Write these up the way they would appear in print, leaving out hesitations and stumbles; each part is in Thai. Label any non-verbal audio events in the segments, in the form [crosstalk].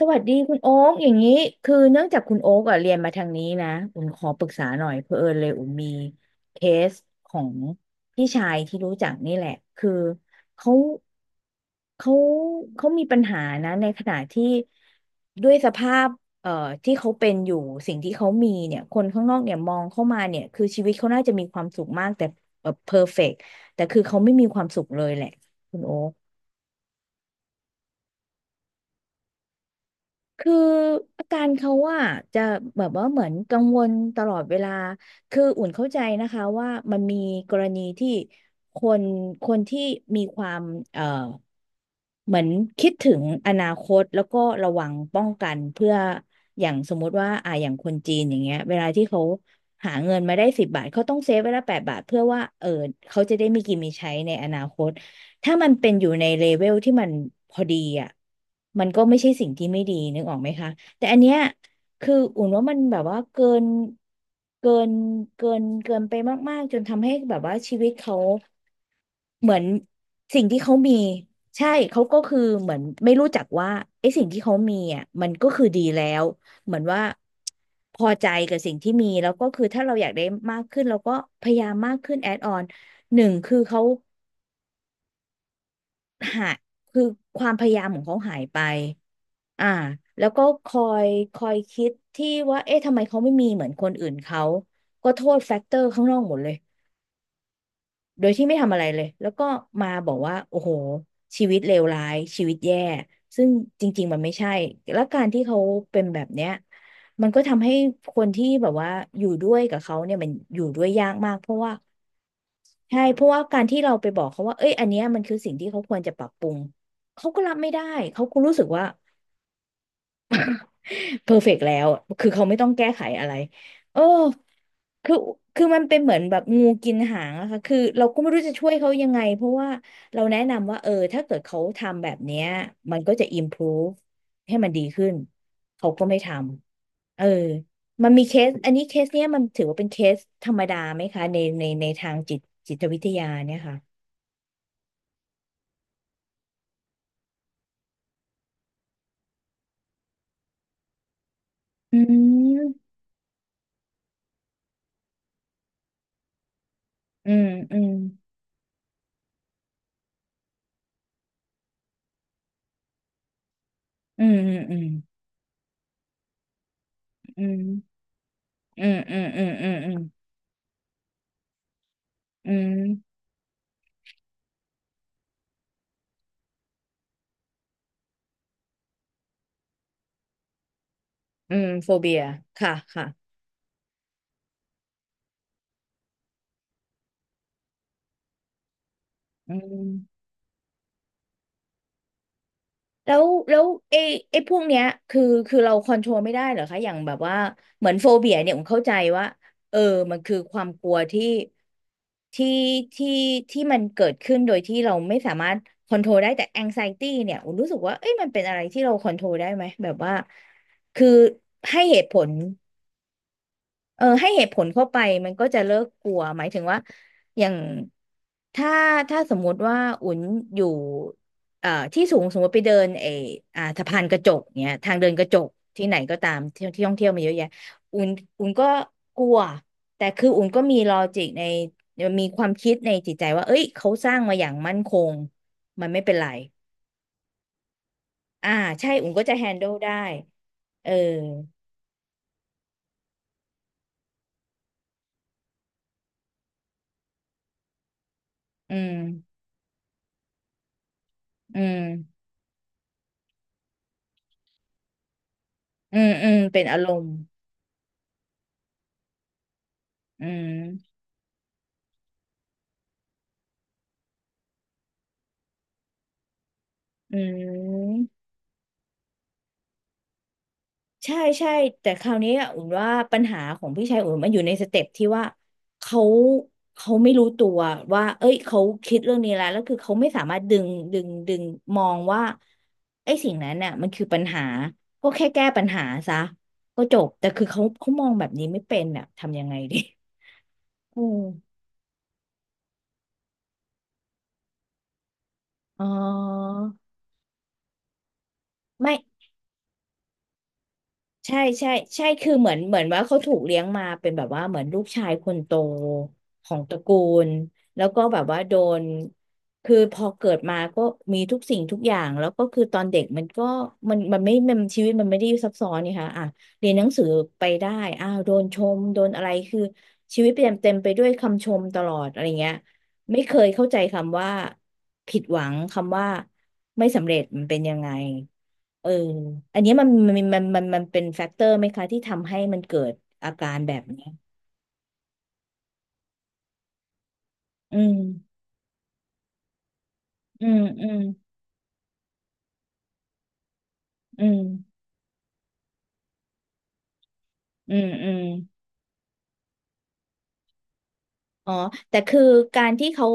สวัสดีคุณโอ๊กอย่างนี้คือเนื่องจากคุณโอ๊กอ่ะเรียนมาทางนี้นะอุ่นขอปรึกษาหน่อยเพื่อเอิญเลยอุ่นมีเคสของพี่ชายที่รู้จักนี่แหละคือเขาเขาเขามีปัญหานะในขณะที่ด้วยสภาพเอ่อที่เขาเป็นอยู่สิ่งที่เขามีเนี่ยคนข้างนอกเนี่ยมองเข้ามาเนี่ยคือชีวิตเขาน่าจะมีความสุขมากแต่เออเพอร์เฟกต์แต่คือเขาไม่มีความสุขเลยแหละคุณโอ๊ คืออาการเขาว่าจะแบบว่าเหมือนกังวลตลอดเวลา คืออุ่นเข้าใจนะคะว่ามันมีกรณีที่คนคนที่มีความเอ่อ เหมือนคิดถึงอนาคตแล้วก็ระวังป้องกันเพื่ออย่างสมมุติว่าอย่างคนจีนอย่างเงี้ยเวลาที่เขาหาเงินมาได้10 บาทเขาต้องเซฟไว้ละ8 บาทเพื่อว่าเออเขาจะได้มีกินมีใช้ในอนาคตถ้ามันเป็นอยู่ในเลเวลที่มันพอดีอ่ะมันก็ไม่ใช่สิ่งที่ไม่ดีนึกออกไหมคะแต่อันเนี้ยคืออุ่นว่ามันแบบว่าเกินเกินไปมากๆจนทำให้แบบว่าชีวิตเขา เหมือนสิ่งที่เขามีใช่เขาก็คือเหมือนไม่รู้จักว่าไอ้สิ่งที่เขามีอ่ะมันก็คือดีแล้วเหมือนว่าพอใจกับสิ่งที่มีแล้วก็คือถ้าเราอยากได้มากขึ้นเราก็พยายามมากขึ้นแอดออนหนึ่งคือเขาหาคือความพยายามของเขาหายไปอ่าแล้วก็คอยคิดที่ว่าเอ๊ะทำไมเขาไม่มีเหมือนคนอื่นเขาก็โทษแฟกเตอร์ข้างนอกหมดเลย โดยที่ไม่ทำอะไรเลยแล้วก็มาบอกว่าโอ้โหชีวิตเลวร้ายชีวิตแย่ซึ่งจริงๆมันไม่ใช่แล้วการที่เขาเป็นแบบเนี้ยมันก็ทำให้คนที่แบบว่าอยู่ด้วยกับเขาเนี่ยมันอยู่ด้วยยากมากเพราะว่าใช่เพราะว่าการที่เราไปบอกเขาว่าเอ้ยอันเนี้ยมันคือสิ่งที่เขาควรจะปรับปรุงเขาก็รับไม่ได้เขาก็รู้สึกว่า เพอร์เฟกต์แล้วคือเขาไม่ต้องแก้ไขอะไรเออคือคือมันเป็นเหมือนแบบงูกินหางอะค่ะคือเราก็ไม่รู้จะช่วยเขายังไง เพราะว่าเราแนะนำว่าเออถ้าเกิดเขาทำแบบเนี้ยมันก็จะ improve ให้มันดีขึ้น เขาก็ไม่ทำเออมันมีเคส อันนี้เคสเนี้ยมันถือว่าเป็นเคสธรรมดาไหมคะในในในทางจิตจิตวิทยาเนี่ยค่ะอืม อืม อืม อืม อืมอืมอืมอืมอืมอืมอืมอืม อืมโฟเบียค่ะค่ะอืมแล้วไอ้ไอ้พวกเนี้ยคือเราคอนโทรลไม่ได้เหรอคะอย่างแบบว่าเหมือนโฟเบียเนี่ยผมเข้าใจว่าเออมันคือความกลัวที่ที่ที่ที่มันเกิดขึ้นโดยที่เราไม่สามารถคอนโทรลได้แต่แองไซตี้เนี่ยผมรู้สึกว่าเอ้ยมันเป็นอะไรที่เราคอนโทรลได้ไหมแบบว่าคือให้เหตุผล เออให้เหตุผลเข้าไปมันก็จะเลิกกลัวหมายถึงว่าอย่างถ้าถ้าสมมุติว่าอุ่นอยู่เอ่อที่สูงสมมติไปเดินไออ่าสะพานกระจกเนี้ยทางเดินกระจกที่ไหนก็ตามที่ที่ท่องเที่ยวมาเยอะแยะอุ่นอุ่นก็กลัวแต่คืออุ่นก็มีลอจิกในมีความคิดในจิตใจว่าเอ้ยเขาสร้างมาอย่างมั่นคงมันไม่เป็นไรอ่าใช่อุ่นก็จะแฮน d l e ได้เอออืมอืมอืมอืมเป็นอารมณ์อืม อืมใช่ใช่แต่คราวนี้อะอุ่นว่าปัญหาของพี่ชายอุ่นมันอยู่ในสเต็ปที่ว่าเขาเขาไม่รู้ตัวว่าเอ้ยเขาคิดเรื่องนี้แล้วแล้วคือเขาไม่สามารถดึงดึงมองว่าไอ้สิ่งนั้นน่ะมันคือปัญหาก็แค่แก้ปัญหาซะก็จบแต่คือเขามองแบบนี้ไม่เป็นอ่ะทำยังไงดีอืม [laughs] อ๋อไม่ ใช่ใช่ใช่คือเหมือนว่าเขาถูกเลี้ยงมาเป็นแบบว่าเหมือนลูกชายคนโตของตระกูลแล้วก็แบบว่าโดนคือพอเกิดมาก็มีทุกสิ่งทุกอย่างแล้วก็คือตอนเด็กมันก็มันมันไม่มันชีวิตมันไม่ได้ซับซ้อนนี่ค่ะอ่ะเรียนหนังสือไปได้อ้าวโดนชมโดนอะไรคือชีวิตเต็มเต็มไปด้วยคำชมตลอดอะไรเงี้ยไม่เคยเข้าใจคำว่าผิดหวังคำว่าไม่สำเร็จมันเป็นยังไง เอออันเนี้ยมันเป็นแฟกเตอร์ไหมคะที่ทำให้มันเกิดอาการแบบเนี้ยอืมอืมอืมอืมอืมอืมอ๋อแต่คือการที่เขา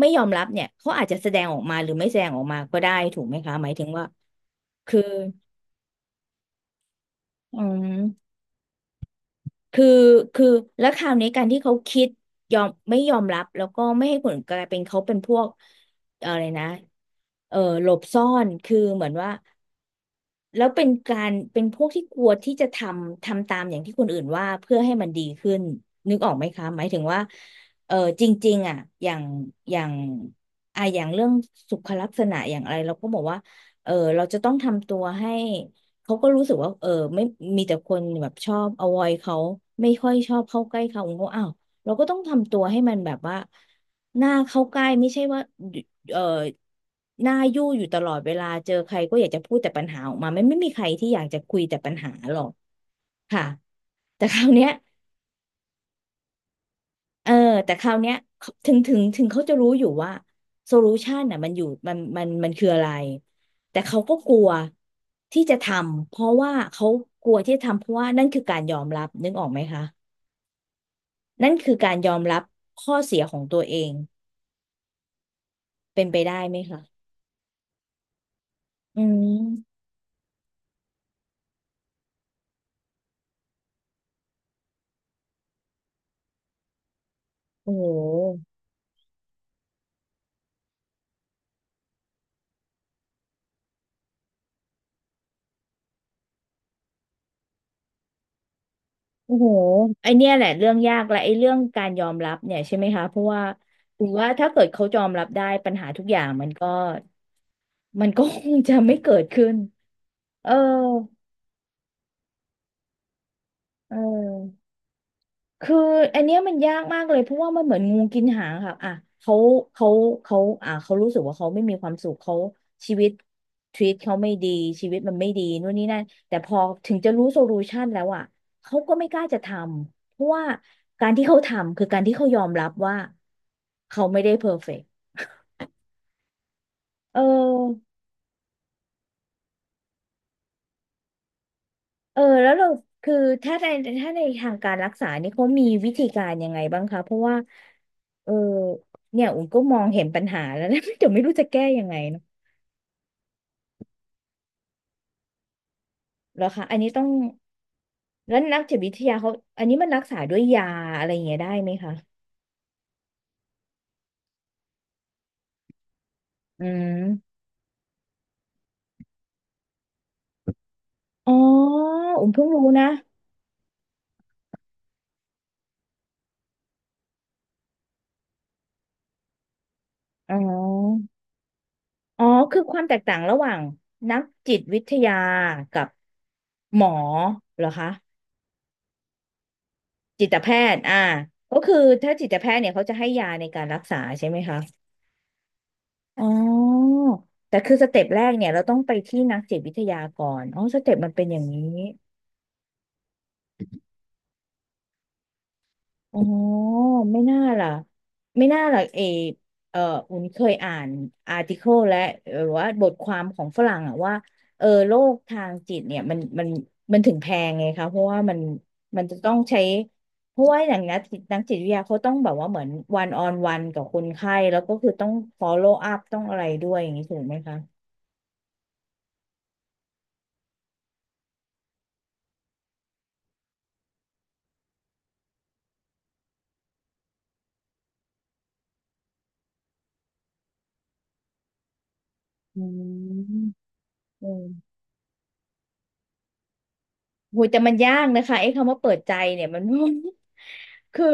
ไม่ยอมรับเนี่ยเขาอาจจะแสดงออกมาหรือไม่แสดงออกมาก็ได้ถูกไหมคะหมายถึงว่าคืออืมคือคือแล้วคราวนี้การที่เขาคิดยอมไม่ยอมรับแล้วก็ไม่ให้ผลกลายเป็นเขาเป็นพวกอะไรนะเออหลบซ่อนคือเหมือนว่า แล้วเป็นการเป็นพวกที่กลัวที่จะทำตามอย่างที่คนอื่นว่าเพื่อให้มันดีขึ้นนึกออกไหมคะหมายถึงว่าเออจริงๆอ่ะอย่างอย่างอย่างเรื่องสุขลักษณะอย่างอะไรเราก็บอกว่าเออเราจะต้องทำตัวให้เขาก็รู้สึกว่าเออไม่มีแต่คนแบบชอบ avoid เขาไม่ค่อยชอบเข้าใกล้เขาเขาอ้าวเราก็ต้องทำตัวให้มันแบบว่าหน้าเข้าใกล้ไม่ใช่ว่า เอ่อหน้ายู่อยู่ตลอดเวลาเจอใครก็อยากจะพูดแต่ปัญหาออกมาไม่มีใครที่อยากจะคุยแต่ปัญหาหรอกค่ะแต่คราวเนี้ยเออแต่คราวเนี้ยถึงเขาจะรู้อยู่ว่าโซลูชันน่ะมันอยู่มันคืออะไรแต่เขาก็กลัวที่จะทำเพราะว่าเขากลัวที่จะทำเพราะว่านั่นคือการยอมรับนึกออกไหมคะนั่นคือการยอมรับข้อเสียของตัวเองเป็นไปได้ไหมคะอืมโอ้โห โอ้โหไอเนี้ยแหละเรื่องยากและไอเรื่องการยอมรับเนี่ยใช่ไหมคะ เพราะว่าถือว่าถ้าเกิดเขายอมรับได้ปัญหาทุกอย่างมันก็มันก็คงจะไม่เกิดขึ้นเออเออ คืออันเนี้ยมันยากมากเลยเพราะว่ามันเหมือนงูกินหางค่ะอ่ะเขาเขาเขาเขารู้สึกว่าเขาไม่มีความสุขเขาชีวิตทวีตเขาไม่ดีชีวิตมันไม่ดีนู่นนี่นั่นแต่พอถึงจะรู้โซลูชันแล้วอ่ะเขาก็ไม่กล้าจะทำเพราะว่าการที่เขาทำคือการที่เขายอมรับว่าเขาไม่ได้เพอร์เฟกต์เออ เออแล้วเราคือถ้าในถ้าในทางการรักษานี่เขามีวิธีการยังไงบ้างคะเพราะว่าเออเนี่ยอุ่นก็มองเห็นปัญหาแล้วนะ [laughs] เดี๋ยวไม่รู้จะแก้ยังไงเนาะเหรอคะอันนี้ต้องแล้วนักจิตวิทยาเขาอันนี้มันรักษาด้วยยาอะไรอย่างเงี้ยได้ไหมคะอืมอ๋ออุ่นเพิ่งรู้นะอ๋ออ๋อคือความแตกต่างระหว่างนักจิตวิทยากับหมอเหรอคะ จิตแพทย์อ่าก็คือถ้าจิตแพทย์เนี่ยเขาจะให้ยาในการรักษาใช่ไหมคะอ๋อแต่คือสเต็ปแรกเนี่ยเราต้องไปที่นักจิตวิทยาก่อนอ๋อสเต็ปมันเป็นอย่างนี้ อ๋อไม่น่าล่ะไม่น่าล่ะเอออุ่นเคยอ่านอาร์ติเคิลและหรือว่าบทความของฝรั่งอะว่าเออโรคทางจิตเนี่ยมันถึงแพงไงคะเพราะว่ามันมันจะต้องใช้เพราะว่าอย่างนักจิตวิทยาเขาต้องแบบว่าเหมือนวันออนวันกับคนไข้แล้วก็คือต้อง follow up ต้องอะไรด้วยอย่างนี้ถูกไหมคะอืมอืม โหแต่มันยากนะคะไอ้คำว่าเปิดใจเนี่ยมัน [laughs] คือ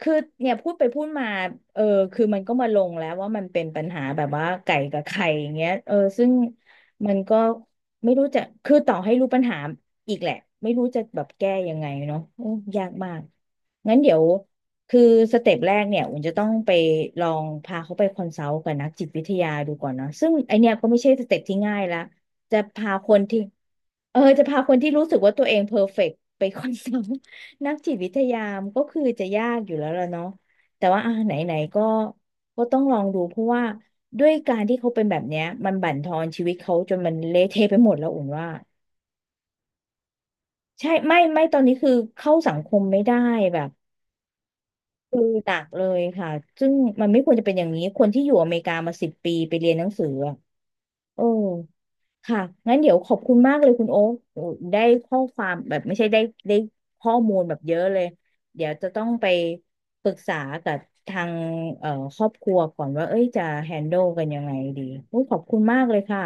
คือเนี่ยพูดไปพูดมาเออคือมันก็มาลงแล้วว่ามันเป็นปัญหาแบบว่าไก่กับไข่อย่างเงี้ยเออซึ่งมันก็ไม่รู้จะคือต่อให้รู้ปัญหาอีกแหละไม่รู้จะแบบแก้ยังไงเนาะโอ้ยากมากงั้นเดี๋ยวคือสเต็ปแรกเนี่ยอุ่นจะต้องไปลองพาเขาไปคอนซัลท์กับนักจิตวิทยาดูก่อนเนาะซึ่งไอเนี่ยก็ไม่ใช่สเต็ปที่ง่ายละจะพาคนที่ เออจะพาคนที่รู้สึกว่าตัวเองเพอร์เฟกต์ไปคอนซัลท์ [laughs] นักจิตวิทยามนก็คือจะยากอยู่แล้วล่ะเนาะแต่ว่าอ่ะไหนๆก็ก็ต้องลองดูเพราะว่าด้วยการที่เขาเป็นแบบเนี้ยมันบั่นทอนชีวิตเขาจนมันเละเทะไปหมดแล้วอุ่นว่าใช่ไม่ตอนนี้คือเข้าสังคมไม่ได้แบบคือหนักเลยค่ะซึ่งมันไม่ควรจะเป็นอย่างนี้คนที่อยู่อเมริกามา10 ปีไปเรียนหนังสืออะเออ ค่ะงั้นเดี๋ยวขอบคุณมากเลยคุณโอ๊คโอ้ได้ข้อความแบบไม่ใช่ได้ข้อมูลแบบเยอะเลย เดี๋ยวจะต้องไปปรึกษากับทางเอ่อครอบครัวก่อนว่าเอ้ยจะแฮนด์ลกันยังไงดีโอ้ขอบคุณมากเลยค่ะ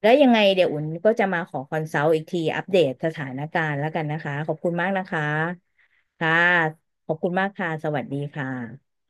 แล้วยังไงเดี๋ยวอุ่นก็จะมาขอคอนซัลท์อีกทีอัปเดตสถานการณ์แล้วกันนะคะขอบคุณมากนะคะค่ะขอบคุณมากค่ะสวัสดีค่ะ